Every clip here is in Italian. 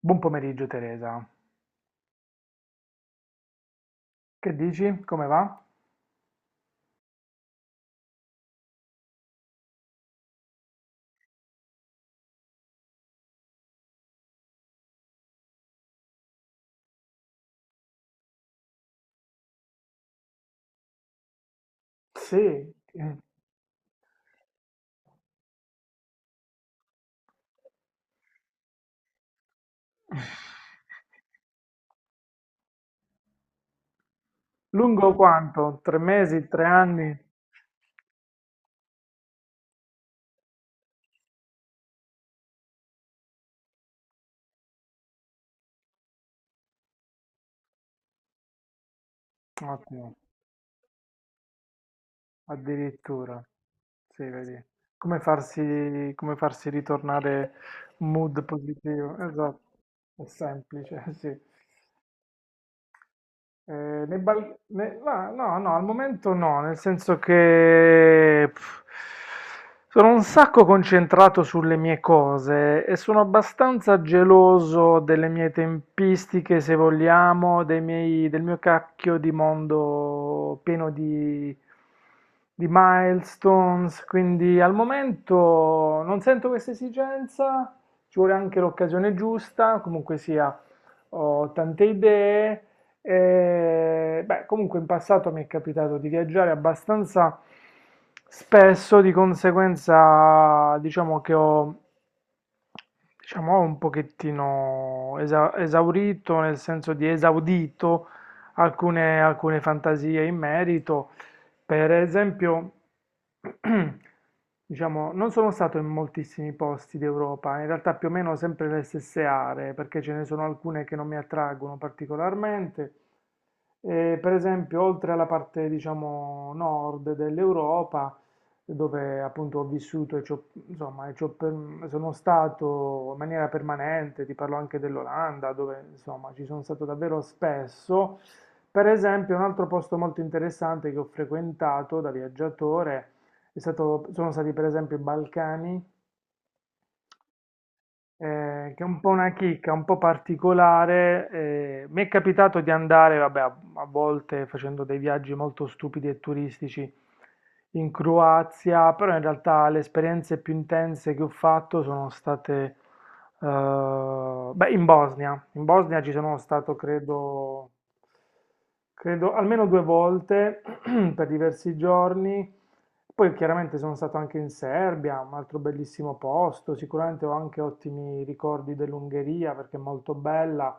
Buon pomeriggio, Teresa, che dici? Come va? Sì, lungo quanto? Tre mesi, tre anni? Ottimo, addirittura. Sì, vedi. Come farsi ritornare mood positivo? Esatto, è semplice, sì. Ma no, no, al momento no, nel senso che sono un sacco concentrato sulle mie cose e sono abbastanza geloso delle mie tempistiche, se vogliamo, del mio cacchio di mondo pieno di milestones, quindi al momento non sento questa esigenza, ci vuole anche l'occasione giusta, comunque sia, ho tante idee. E, beh, comunque in passato mi è capitato di viaggiare abbastanza spesso, di conseguenza diciamo che ho, diciamo, ho un pochettino esaurito, nel senso di esaudito alcune fantasie in merito. Per esempio, diciamo, non sono stato in moltissimi posti d'Europa, in realtà più o meno sempre le stesse aree, perché ce ne sono alcune che non mi attraggono particolarmente. E, per esempio, oltre alla parte, diciamo, nord dell'Europa, dove appunto ho vissuto e insomma, e sono stato in maniera permanente, ti parlo anche dell'Olanda, dove insomma ci sono stato davvero spesso. Per esempio, un altro posto molto interessante che ho frequentato da viaggiatore sono stati per esempio i Balcani, che è un po' una chicca, un po' particolare. Mi è capitato di andare, vabbè, a volte facendo dei viaggi molto stupidi e turistici in Croazia, però in realtà le esperienze più intense che ho fatto sono state, beh, in Bosnia. In Bosnia ci sono stato, credo almeno due volte per diversi giorni. Poi chiaramente sono stato anche in Serbia, un altro bellissimo posto, sicuramente ho anche ottimi ricordi dell'Ungheria perché è molto bella,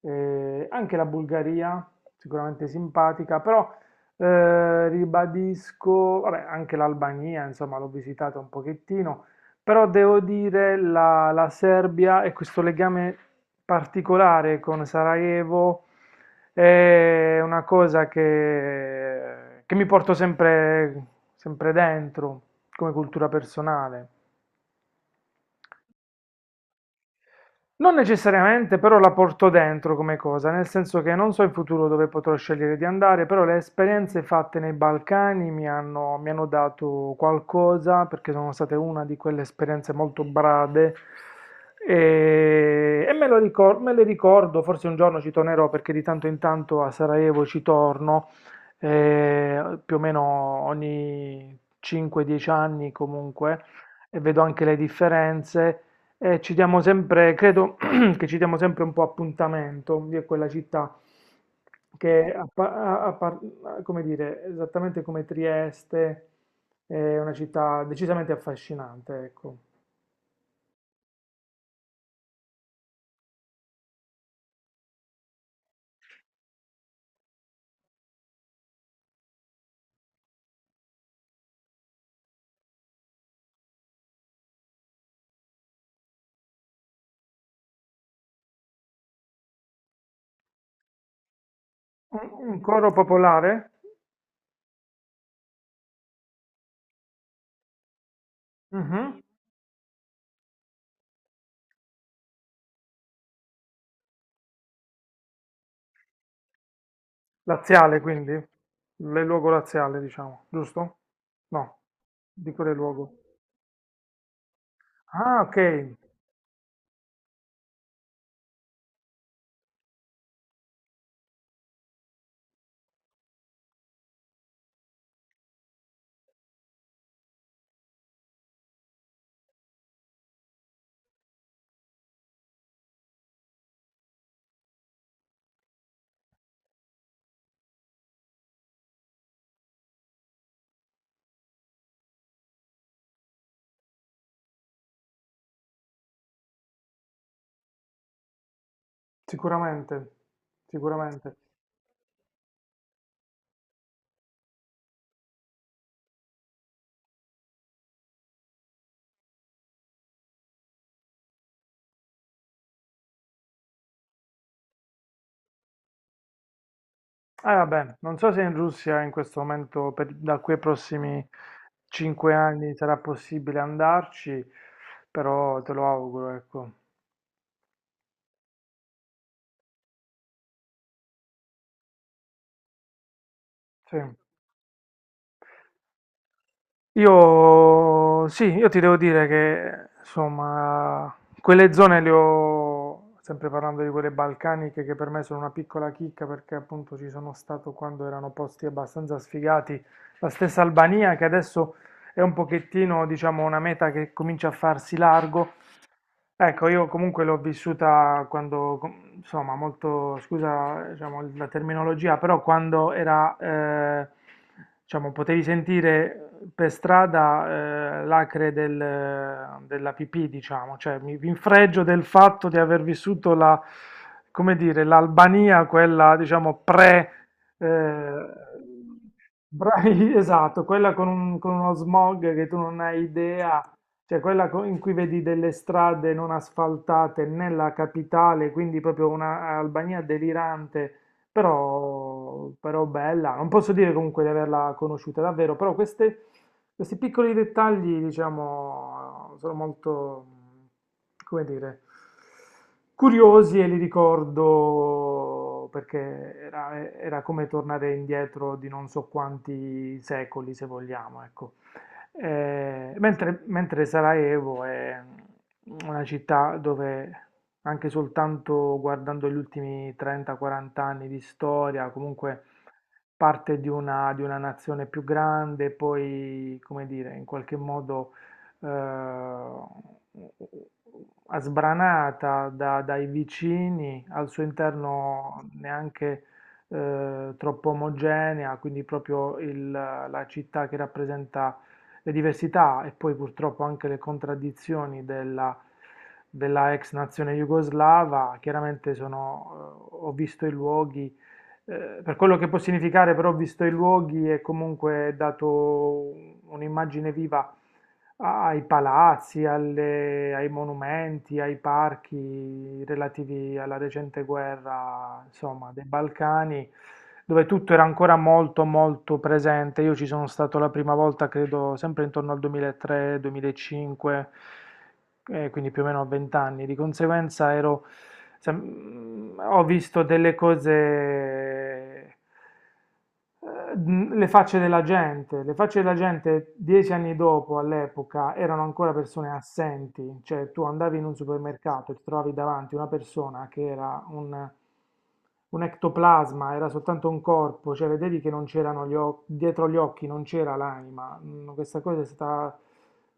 anche la Bulgaria, sicuramente simpatica, però ribadisco, vabbè, anche l'Albania, insomma, l'ho visitata un pochettino, però devo dire la Serbia e questo legame particolare con Sarajevo è una cosa che mi porto sempre, sempre dentro come cultura personale. Non necessariamente però la porto dentro come cosa, nel senso che non so in futuro dove potrò scegliere di andare, però le esperienze fatte nei Balcani mi hanno dato qualcosa, perché sono state una di quelle esperienze molto brade e me le ricordo, forse un giorno ci tornerò perché di tanto in tanto a Sarajevo ci torno, più o meno ogni 5-10 anni comunque, e vedo anche le differenze. Ci diamo sempre, credo, che ci diamo sempre un po' appuntamento di quella città che, a pa- a- a par- a- come dire, esattamente come Trieste, è una città decisamente affascinante, ecco. Un, un coro popolare? Mhm. Laziale, quindi? Le luogo laziale, diciamo, giusto? No, dico le luogo. Ah, ok, sicuramente, sicuramente. Vabbè, non so se in Russia in questo momento, da qui ai prossimi cinque anni, sarà possibile andarci, però te lo auguro, ecco. Sì. Io, sì, io ti devo dire che, insomma, quelle zone le ho, sempre parlando di quelle balcaniche, che per me sono una piccola chicca, perché appunto ci sono stato quando erano posti abbastanza sfigati, la stessa Albania, che adesso è un pochettino, diciamo, una meta che comincia a farsi largo. Ecco, io comunque l'ho vissuta quando, insomma, molto, scusa, diciamo, la terminologia, però quando era, diciamo, potevi sentire per strada l'acre della pipì, diciamo, cioè mi infreggio del fatto di aver vissuto la, come dire, l'Albania, quella, diciamo, pre... eh, esatto, quella con con uno smog che tu non hai idea, cioè quella in cui vedi delle strade non asfaltate nella capitale, quindi proprio una Albania delirante, però, bella. Non posso dire comunque di averla conosciuta davvero, però questi piccoli dettagli, diciamo, sono molto, come dire, curiosi e li ricordo perché era come tornare indietro di non so quanti secoli, se vogliamo, ecco. Mentre Sarajevo è una città dove anche soltanto guardando gli ultimi 30-40 anni di storia, comunque parte di una, nazione più grande, poi, come dire, in qualche modo eh, sbranata dai vicini, al suo interno neanche troppo omogenea, quindi proprio la città che rappresenta le diversità e poi purtroppo anche le contraddizioni della, ex nazione jugoslava, chiaramente sono, ho visto i luoghi per quello che può significare, però, visto i luoghi, è comunque dato un'immagine viva ai palazzi, ai monumenti, ai parchi relativi alla recente guerra, insomma, dei Balcani, dove tutto era ancora molto, molto presente. Io ci sono stato la prima volta, credo, sempre intorno al 2003-2005, quindi più o meno a 20 anni. Di conseguenza ero, ho visto delle cose, le facce della gente. Le facce della gente dieci anni dopo, all'epoca, erano ancora persone assenti. Cioè, tu andavi in un supermercato e ti trovavi davanti una persona che era un... Un ectoplasma era soltanto un corpo, cioè vedevi che non c'erano gli occhi, dietro gli occhi non c'era l'anima. Questa cosa è stata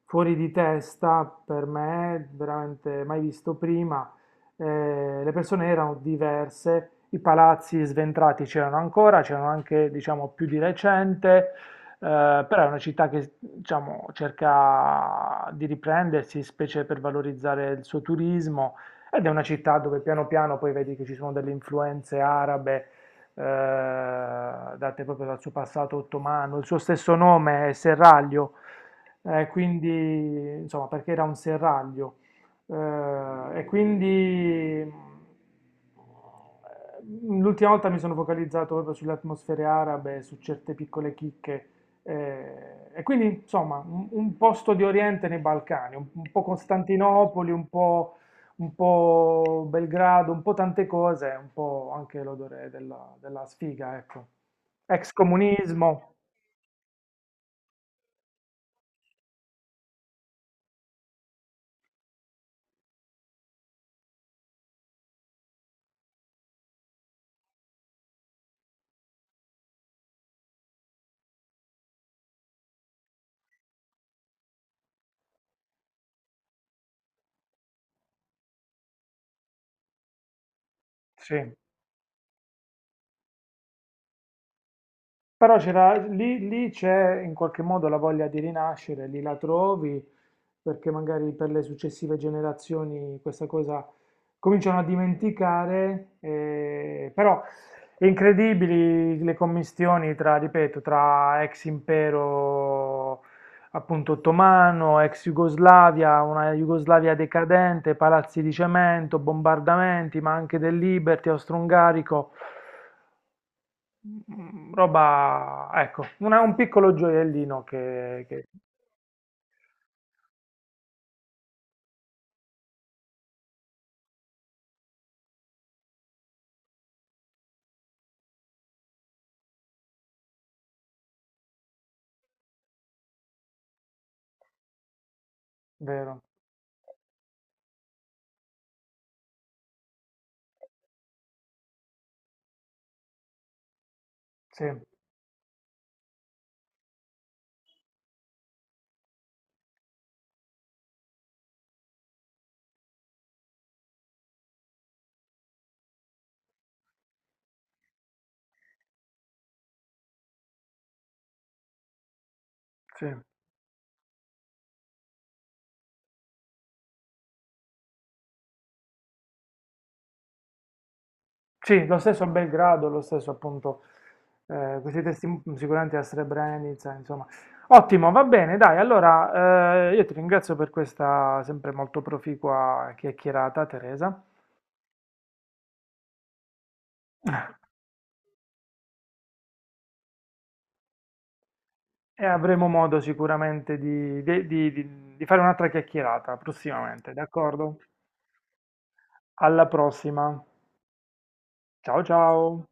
fuori di testa per me, veramente mai visto prima. Le persone erano diverse, i palazzi sventrati c'erano ancora, c'erano anche, diciamo, più di recente, però è una città che, diciamo, cerca di riprendersi, specie per valorizzare il suo turismo, ed è una città dove piano piano poi vedi che ci sono delle influenze arabe, date proprio dal suo passato ottomano, il suo stesso nome è Serraglio, quindi insomma perché era un serraglio. Eh, e quindi l'ultima volta mi sono focalizzato proprio sulle atmosfere arabe, su certe piccole chicche, e quindi insomma un posto di Oriente nei Balcani, un po' Costantinopoli, un po' Belgrado, un po' tante cose, un po' anche l'odore della, sfiga, ecco. Ex comunismo, sì. Però lì c'è in qualche modo la voglia di rinascere, lì la trovi, perché magari per le successive generazioni questa cosa cominciano a dimenticare, però è incredibili le commistioni tra, ripeto, tra ex impero appunto ottomano, ex Jugoslavia, una Jugoslavia decadente, palazzi di cemento, bombardamenti, ma anche del Liberty austro-ungarico. Roba, ecco, un piccolo gioiellino che, vero, sì, sì, sì, lo stesso a Belgrado, lo stesso appunto, questi testi sicuramente a Srebrenica, insomma. Ottimo, va bene, dai, allora io ti ringrazio per questa sempre molto proficua chiacchierata, Teresa, e avremo modo sicuramente di fare un'altra chiacchierata prossimamente, d'accordo? Alla prossima, ciao ciao!